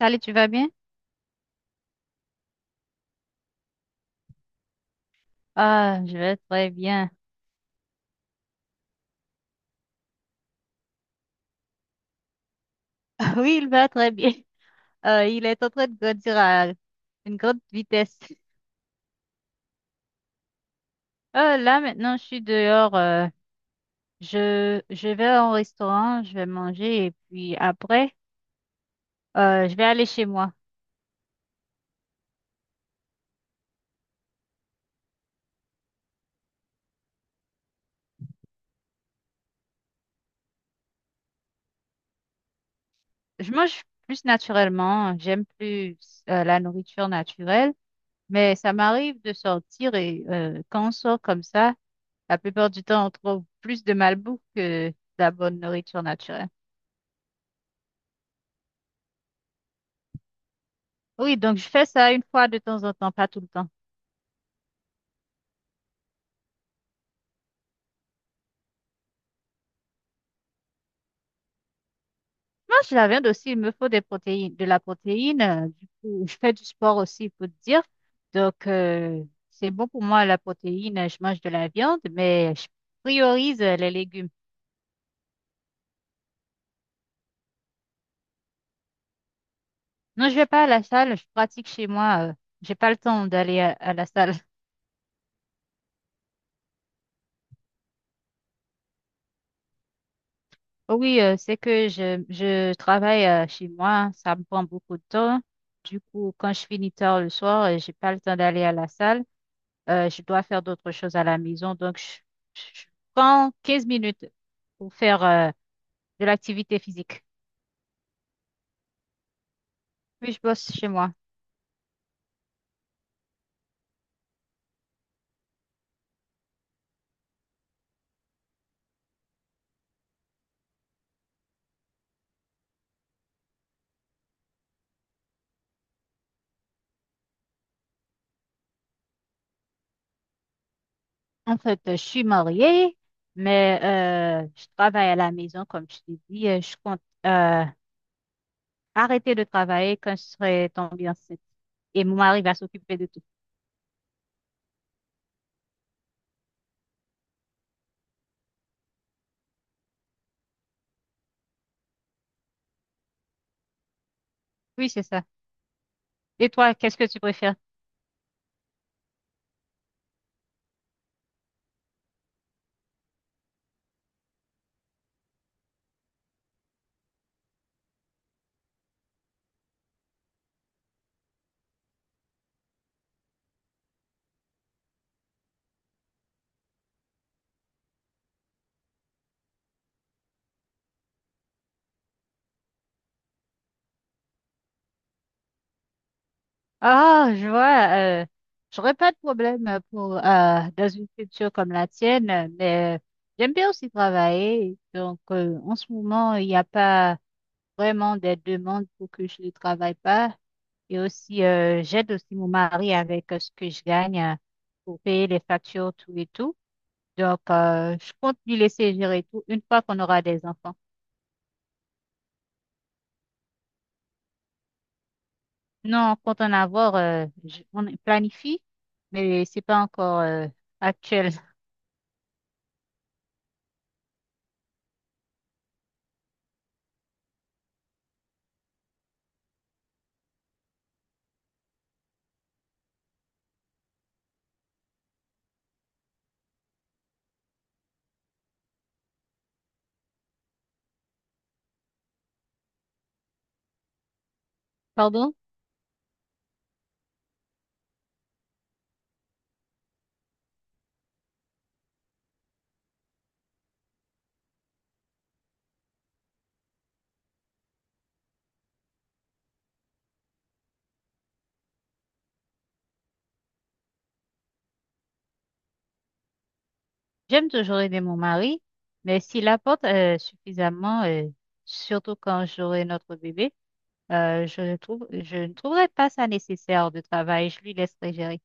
Salut, tu vas bien? Ah, je vais très bien. Oui, il va très bien. Il est en train de grandir à une grande vitesse. Là, maintenant, je suis dehors. Je vais au restaurant, je vais manger et puis après, je vais aller chez moi. Je mange plus naturellement. J'aime plus la nourriture naturelle, mais ça m'arrive de sortir et quand on sort comme ça, la plupart du temps, on trouve plus de malbouffe que de la bonne nourriture naturelle. Oui, donc je fais ça une fois de temps en temps, pas tout le temps. Moi, je la viande aussi, il me faut des protéines, de la protéine. Du coup, je fais du sport aussi, il faut te dire. Donc, c'est bon pour moi, la protéine. Je mange de la viande, mais je priorise les légumes. Non, je vais pas à la salle, je pratique chez moi. J'ai pas le temps d'aller à la salle. Oui, c'est que je travaille chez moi, ça me prend beaucoup de temps. Du coup, quand je finis tard le soir, j'ai pas le temps d'aller à la salle. Je dois faire d'autres choses à la maison. Donc, je prends 15 minutes pour faire de l'activité physique. Puis, je bosse chez moi. En fait, je suis mariée, mais je travaille à la maison, comme je t'ai dit. Je compte euh, arrêter de travailler quand je serai tombée enceinte. Et mon mari va s'occuper de tout. Oui, c'est ça. Et toi, qu'est-ce que tu préfères? Ah, je vois. J'aurais pas de problème pour dans une culture comme la tienne, mais j'aime bien aussi travailler. Donc, en ce moment, il n'y a pas vraiment des demandes pour que je ne travaille pas. Et aussi, j'aide aussi mon mari avec ce que je gagne pour payer les factures, tout et tout. Donc, je compte lui laisser gérer tout une fois qu'on aura des enfants. Non, on compte en avoir, on planifie, mais c'est pas encore actuel. Pardon? J'aime toujours aider mon mari, mais s'il apporte suffisamment, surtout quand j'aurai notre bébé, je ne trouverai pas ça nécessaire de travail. Je lui laisserai gérer.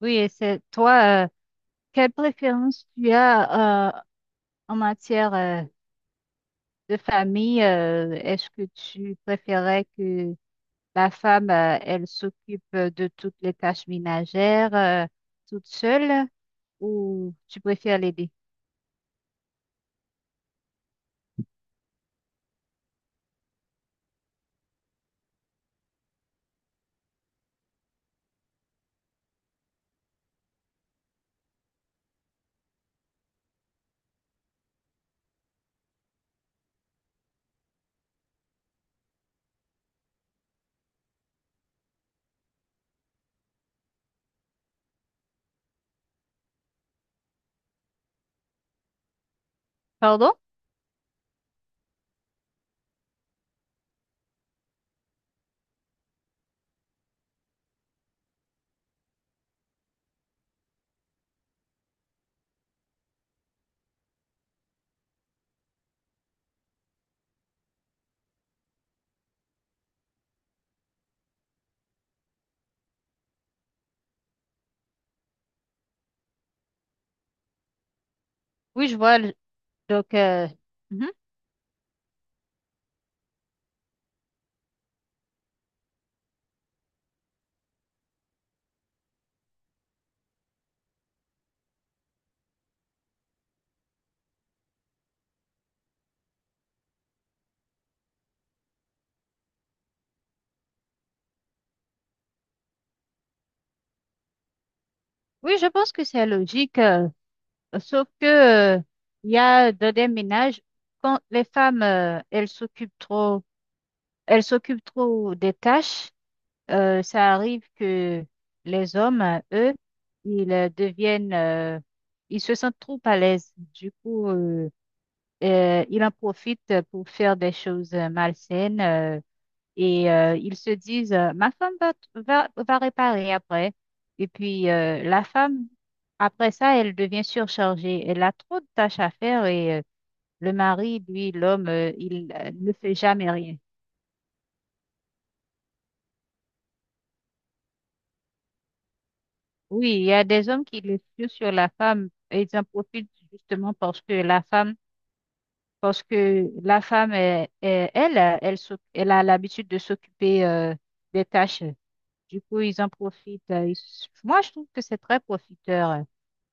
Oui, et c'est toi, quelle préférence tu as en matière de famille? Est-ce que tu préférais que la femme, elle s'occupe de toutes les tâches ménagères toute seule ou tu préfères l'aider? Pardon? Oui, je vois. Donc, euh, mhm. Oui, je pense que c'est logique, sauf que, euh, il y a dans des ménages, quand les femmes, elles s'occupent trop des tâches, ça arrive que les hommes, eux, ils euh, deviennent, euh, ils se sentent trop à l'aise. Du coup, ils en profitent pour faire des choses malsaines. Et ils se disent, ma femme va réparer après. Et puis, la femme, après ça, elle devient surchargée. Elle a trop de tâches à faire et le mari, lui, l'homme, il ne fait jamais rien. Oui, il y a des hommes qui le tuent sur la femme et ils en profitent justement parce que la femme, parce que la femme, elle, elle, elle a l'habitude de s'occuper des tâches. Du coup, ils en profitent. Moi, je trouve que c'est très profiteur.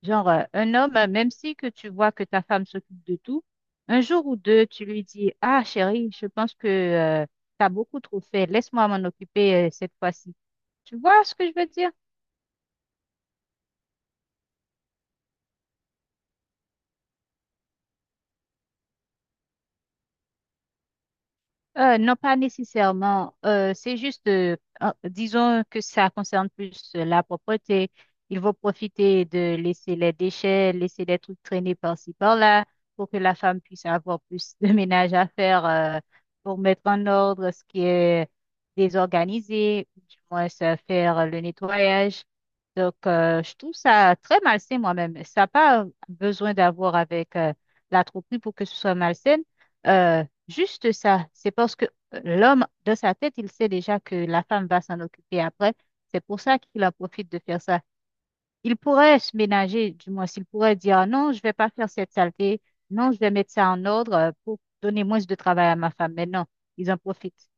Genre, un homme, même si que tu vois que ta femme s'occupe de tout, un jour ou deux, tu lui dis, ah, chérie, je pense que tu as beaucoup trop fait. Laisse-moi m'en occuper cette fois-ci. Tu vois ce que je veux dire? Non, pas nécessairement. Euh, c'est juste, disons que ça concerne plus la propreté. Ils vont profiter de laisser les déchets, laisser des trucs traîner par-ci, par-là, pour que la femme puisse avoir plus de ménage à faire, pour mettre en ordre ce qui est désorganisé, ou du moins ça, faire le nettoyage. Donc, je trouve ça très malsain moi-même. Ça n'a pas besoin d'avoir avec la tromperie pour que ce soit malsain. Euh, Juste ça, c'est parce que l'homme, dans sa tête, il sait déjà que la femme va s'en occuper après. C'est pour ça qu'il en profite de faire ça. Il pourrait se ménager, du moins s'il pourrait dire ah non, je vais pas faire cette saleté, non, je vais mettre ça en ordre pour donner moins de travail à ma femme. Mais non, ils en profitent.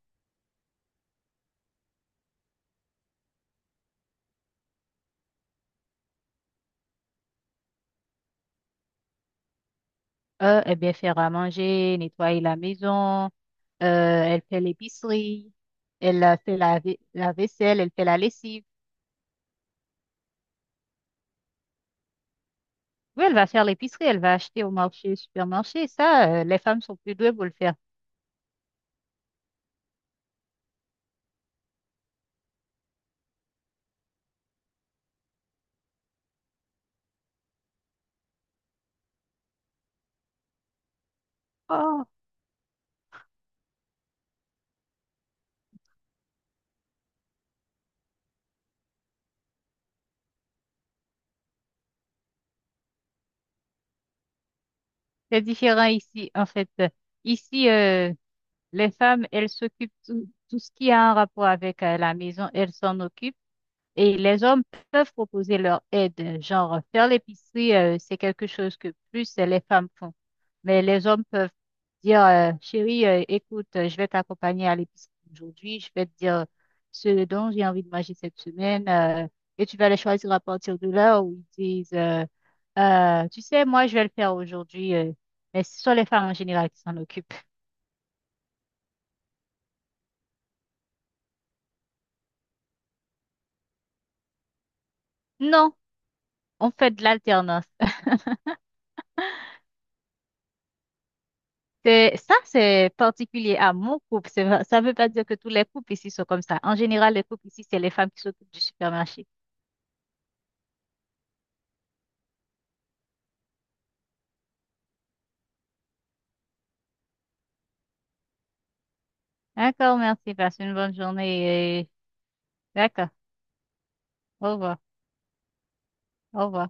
Eux, eh bien, faire à manger, nettoyer la maison, elle fait l'épicerie, elle fait la vaisselle, elle fait la lessive. Oui, elle va faire l'épicerie, elle va acheter au marché, supermarché. Ça, les femmes sont plus douées pour le faire. Oh, c'est différent ici, en fait. Ici, les femmes, elles s'occupent tout, tout ce qui a un rapport avec la maison, elles s'en occupent. Et les hommes peuvent proposer leur aide, genre faire l'épicerie, c'est quelque chose que plus les femmes font. Mais les hommes peuvent dire, chérie, écoute, je vais t'accompagner à l'épicerie aujourd'hui, je vais te dire ce dont j'ai envie de manger cette semaine, et tu vas les choisir à partir de là où ils disent, tu sais, moi, je vais le faire aujourd'hui, mais ce sont les femmes en général qui s'en occupent. Non, on fait de l'alternance. C'est, ça, c'est particulier à mon couple. Ça ne veut pas dire que tous les couples ici sont comme ça. En général, les couples ici, c'est les femmes qui s'occupent du supermarché. D'accord, merci. Passe une bonne journée. Et- D'accord. Au revoir. Au revoir.